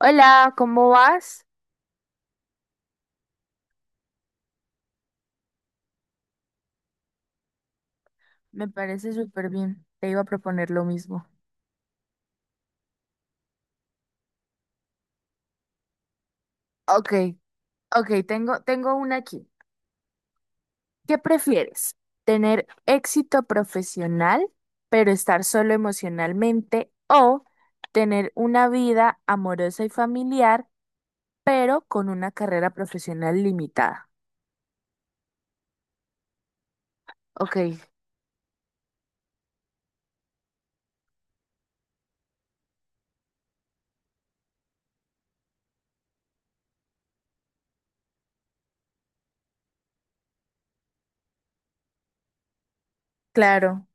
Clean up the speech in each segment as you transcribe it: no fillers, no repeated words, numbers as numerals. Hola, ¿cómo vas? Me parece súper bien. Te iba a proponer lo mismo. Ok, ok, tengo una aquí. ¿Qué prefieres? ¿Tener éxito profesional, pero estar solo emocionalmente? ¿O tener una vida amorosa y familiar, pero con una carrera profesional limitada? Ok, claro,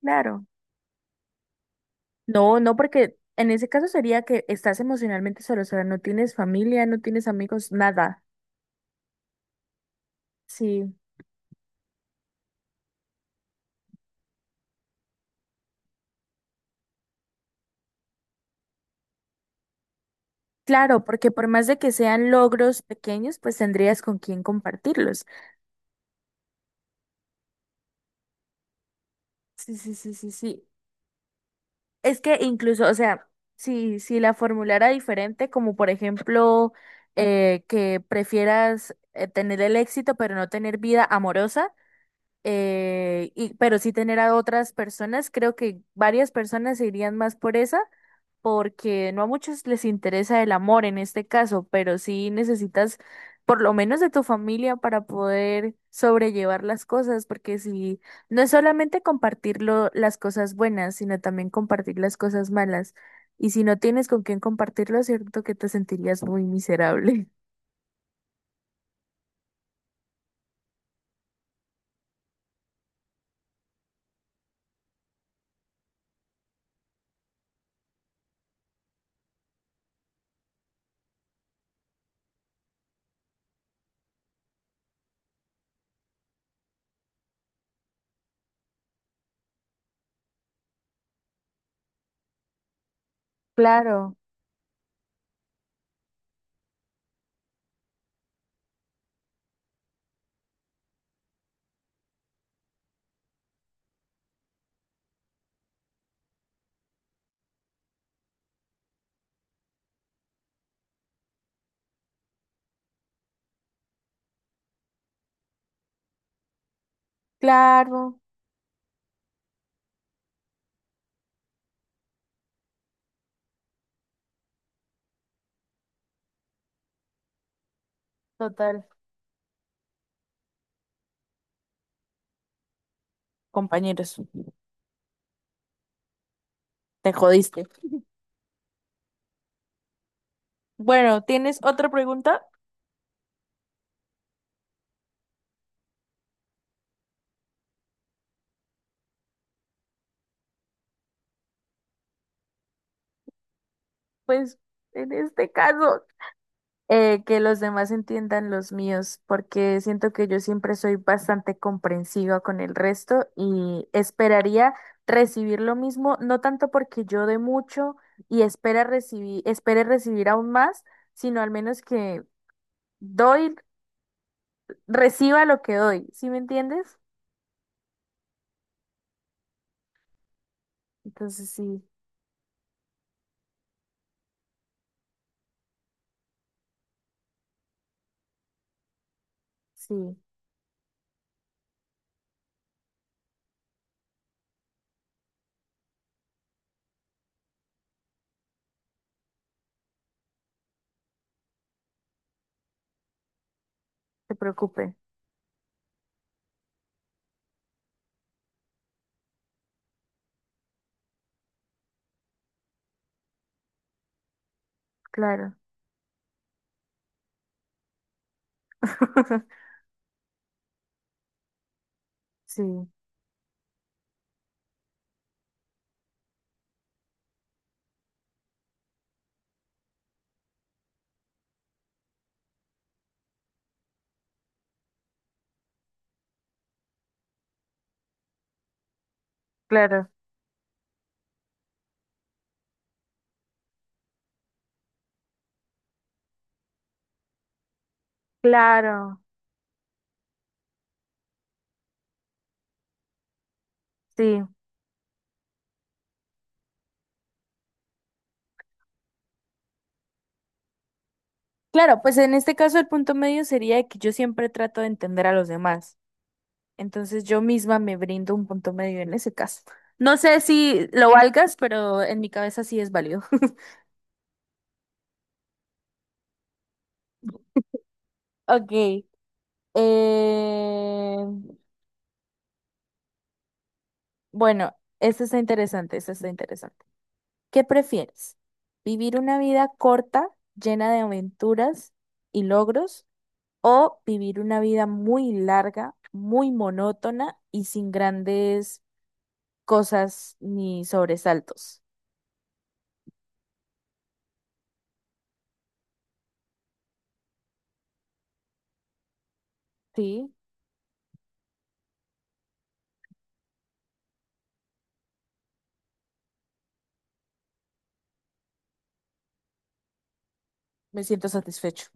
claro. No, no, porque en ese caso sería que estás emocionalmente solo, o sea, no tienes familia, no tienes amigos, nada. Sí. Claro, porque por más de que sean logros pequeños, pues tendrías con quién compartirlos. Sí, sí, sí, sí, sí. Es que incluso, o sea, si la formulara diferente, como por ejemplo, que prefieras tener el éxito pero no tener vida amorosa, pero sí tener a otras personas, creo que varias personas se irían más por esa porque no a muchos les interesa el amor en este caso, pero sí necesitas por lo menos de tu familia para poder sobrellevar las cosas, porque si no es solamente compartir las cosas buenas, sino también compartir las cosas malas. Y si no tienes con quién compartirlo, cierto que te sentirías muy miserable. Claro, claro, total. Compañeros, te jodiste. Bueno, ¿tienes otra pregunta? Pues en este caso, que los demás entiendan los míos, porque siento que yo siempre soy bastante comprensiva con el resto y esperaría recibir lo mismo, no tanto porque yo dé mucho y espere recibir aún más, sino al menos que doy, reciba lo que doy, ¿sí me entiendes? Entonces sí, sí, se preocupe, claro, sí, claro, claro, sí. Claro, pues en este caso el punto medio sería que yo siempre trato de entender a los demás. Entonces yo misma me brindo un punto medio en ese caso. No sé si lo valgas, pero en mi cabeza sí es válido. Ok. eh, Bueno, esto está interesante, esto está interesante. ¿Qué prefieres? ¿Vivir una vida corta, llena de aventuras y logros, o vivir una vida muy larga, muy monótona y sin grandes cosas ni sobresaltos? Sí, me siento satisfecho.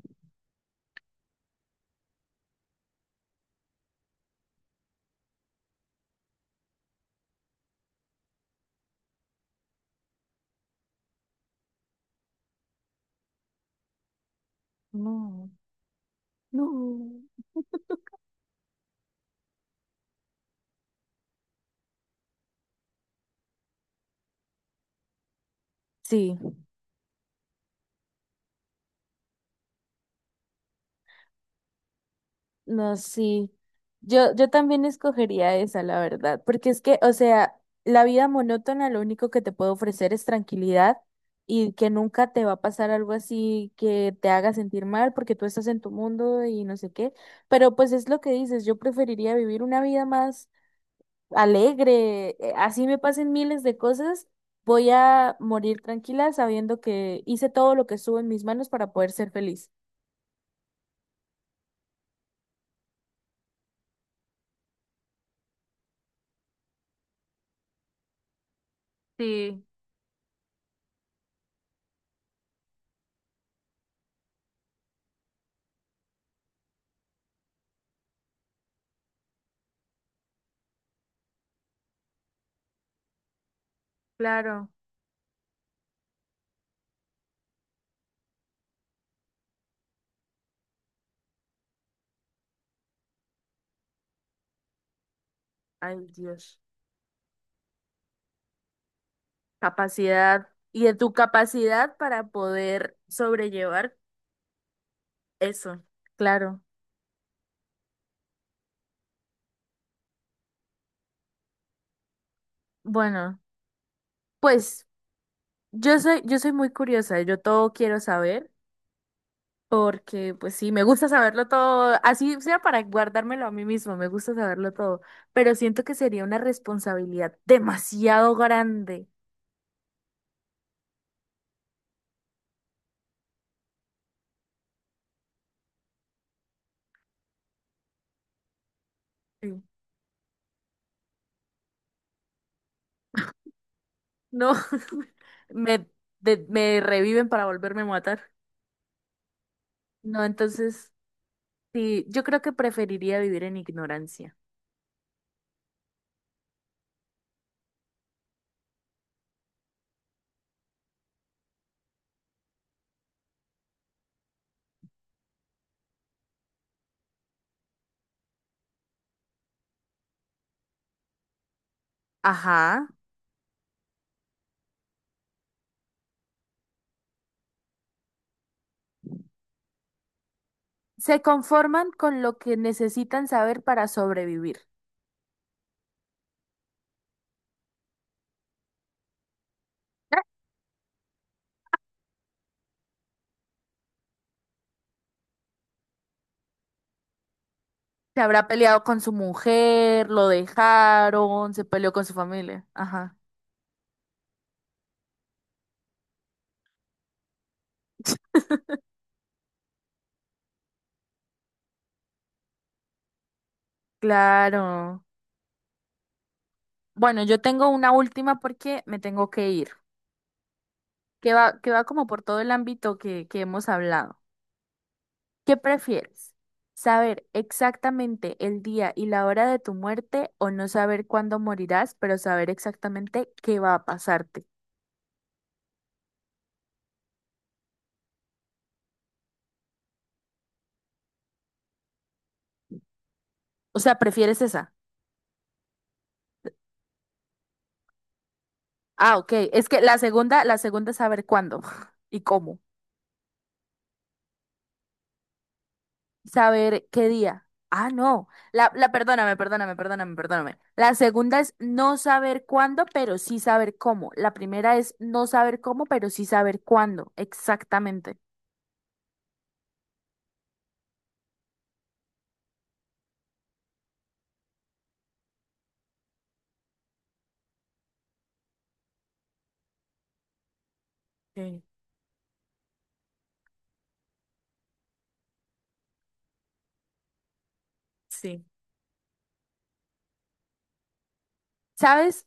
No. No. Sí. No, sí. Yo también escogería esa, la verdad, porque es que, o sea, la vida monótona lo único que te puede ofrecer es tranquilidad y que nunca te va a pasar algo así que te haga sentir mal porque tú estás en tu mundo y no sé qué. Pero pues es lo que dices, yo preferiría vivir una vida más alegre, así me pasen miles de cosas, voy a morir tranquila sabiendo que hice todo lo que estuvo en mis manos para poder ser feliz. Sí, claro. Ay, Dios. Capacidad y de tu capacidad para poder sobrellevar eso, claro. Bueno, pues yo soy muy curiosa, yo todo quiero saber, porque pues sí, me gusta saberlo todo, así sea para guardármelo a mí mismo, me gusta saberlo todo, pero siento que sería una responsabilidad demasiado grande. Sí. No, me, me reviven para volverme a matar. No, entonces, sí, yo creo que preferiría vivir en ignorancia. Ajá. Se conforman con lo que necesitan saber para sobrevivir. Se habrá peleado con su mujer, lo dejaron, se peleó con su familia. Ajá. Claro. Bueno, yo tengo una última porque me tengo que ir, que va como por todo el ámbito que hemos hablado. ¿Qué prefieres? ¿Saber exactamente el día y la hora de tu muerte o no saber cuándo morirás, pero saber exactamente qué va a pasarte? O sea, ¿prefieres esa? Ah, ok. Es que la segunda es saber cuándo y cómo. Saber qué día. Ah, no. La, perdóname, perdóname, perdóname, perdóname. La segunda es no saber cuándo, pero sí saber cómo. La primera es no saber cómo, pero sí saber cuándo. Exactamente. Sí, sí. ¿Sabes?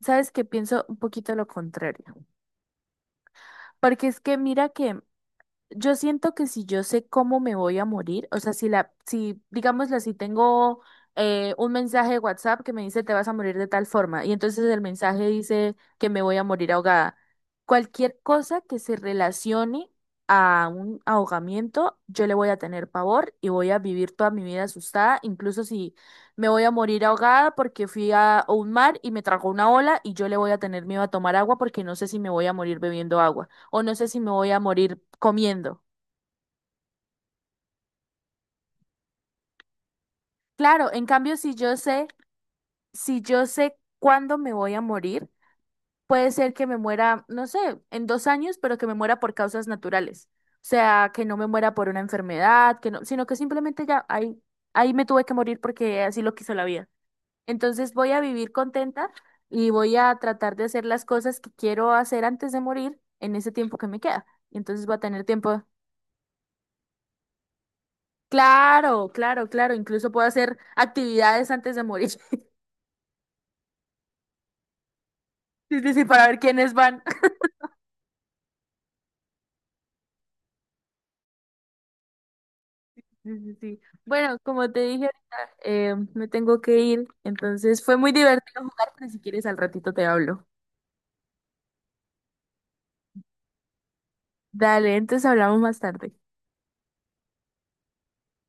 ¿Sabes que pienso un poquito lo contrario? Porque es que mira que yo siento que si yo sé cómo me voy a morir, o sea, si la, si, digámoslo, si tengo un mensaje de WhatsApp que me dice te vas a morir de tal forma, y entonces el mensaje dice que me voy a morir ahogada. Cualquier cosa que se relacione a un ahogamiento, yo le voy a tener pavor y voy a vivir toda mi vida asustada, incluso si me voy a morir ahogada porque fui a un mar y me tragó una ola y yo le voy a tener miedo a tomar agua porque no sé si me voy a morir bebiendo agua o no sé si me voy a morir comiendo. Claro, en cambio, si yo sé cuándo me voy a morir, puede ser que me muera, no sé, en 2 años, pero que me muera por causas naturales. O sea, que no me muera por una enfermedad, que no, sino que simplemente ya ahí, ahí me tuve que morir porque así lo quiso la vida. Entonces voy a vivir contenta y voy a tratar de hacer las cosas que quiero hacer antes de morir en ese tiempo que me queda. Y entonces voy a tener tiempo. Claro, claro, claro. Incluso puedo hacer actividades antes de morir. Sí, sí, sí, para ver quiénes van. Sí, sí, sí. Bueno, como te dije ahorita, me tengo que ir. Entonces fue muy divertido jugar, pero si quieres al ratito te hablo. Dale, entonces hablamos más tarde.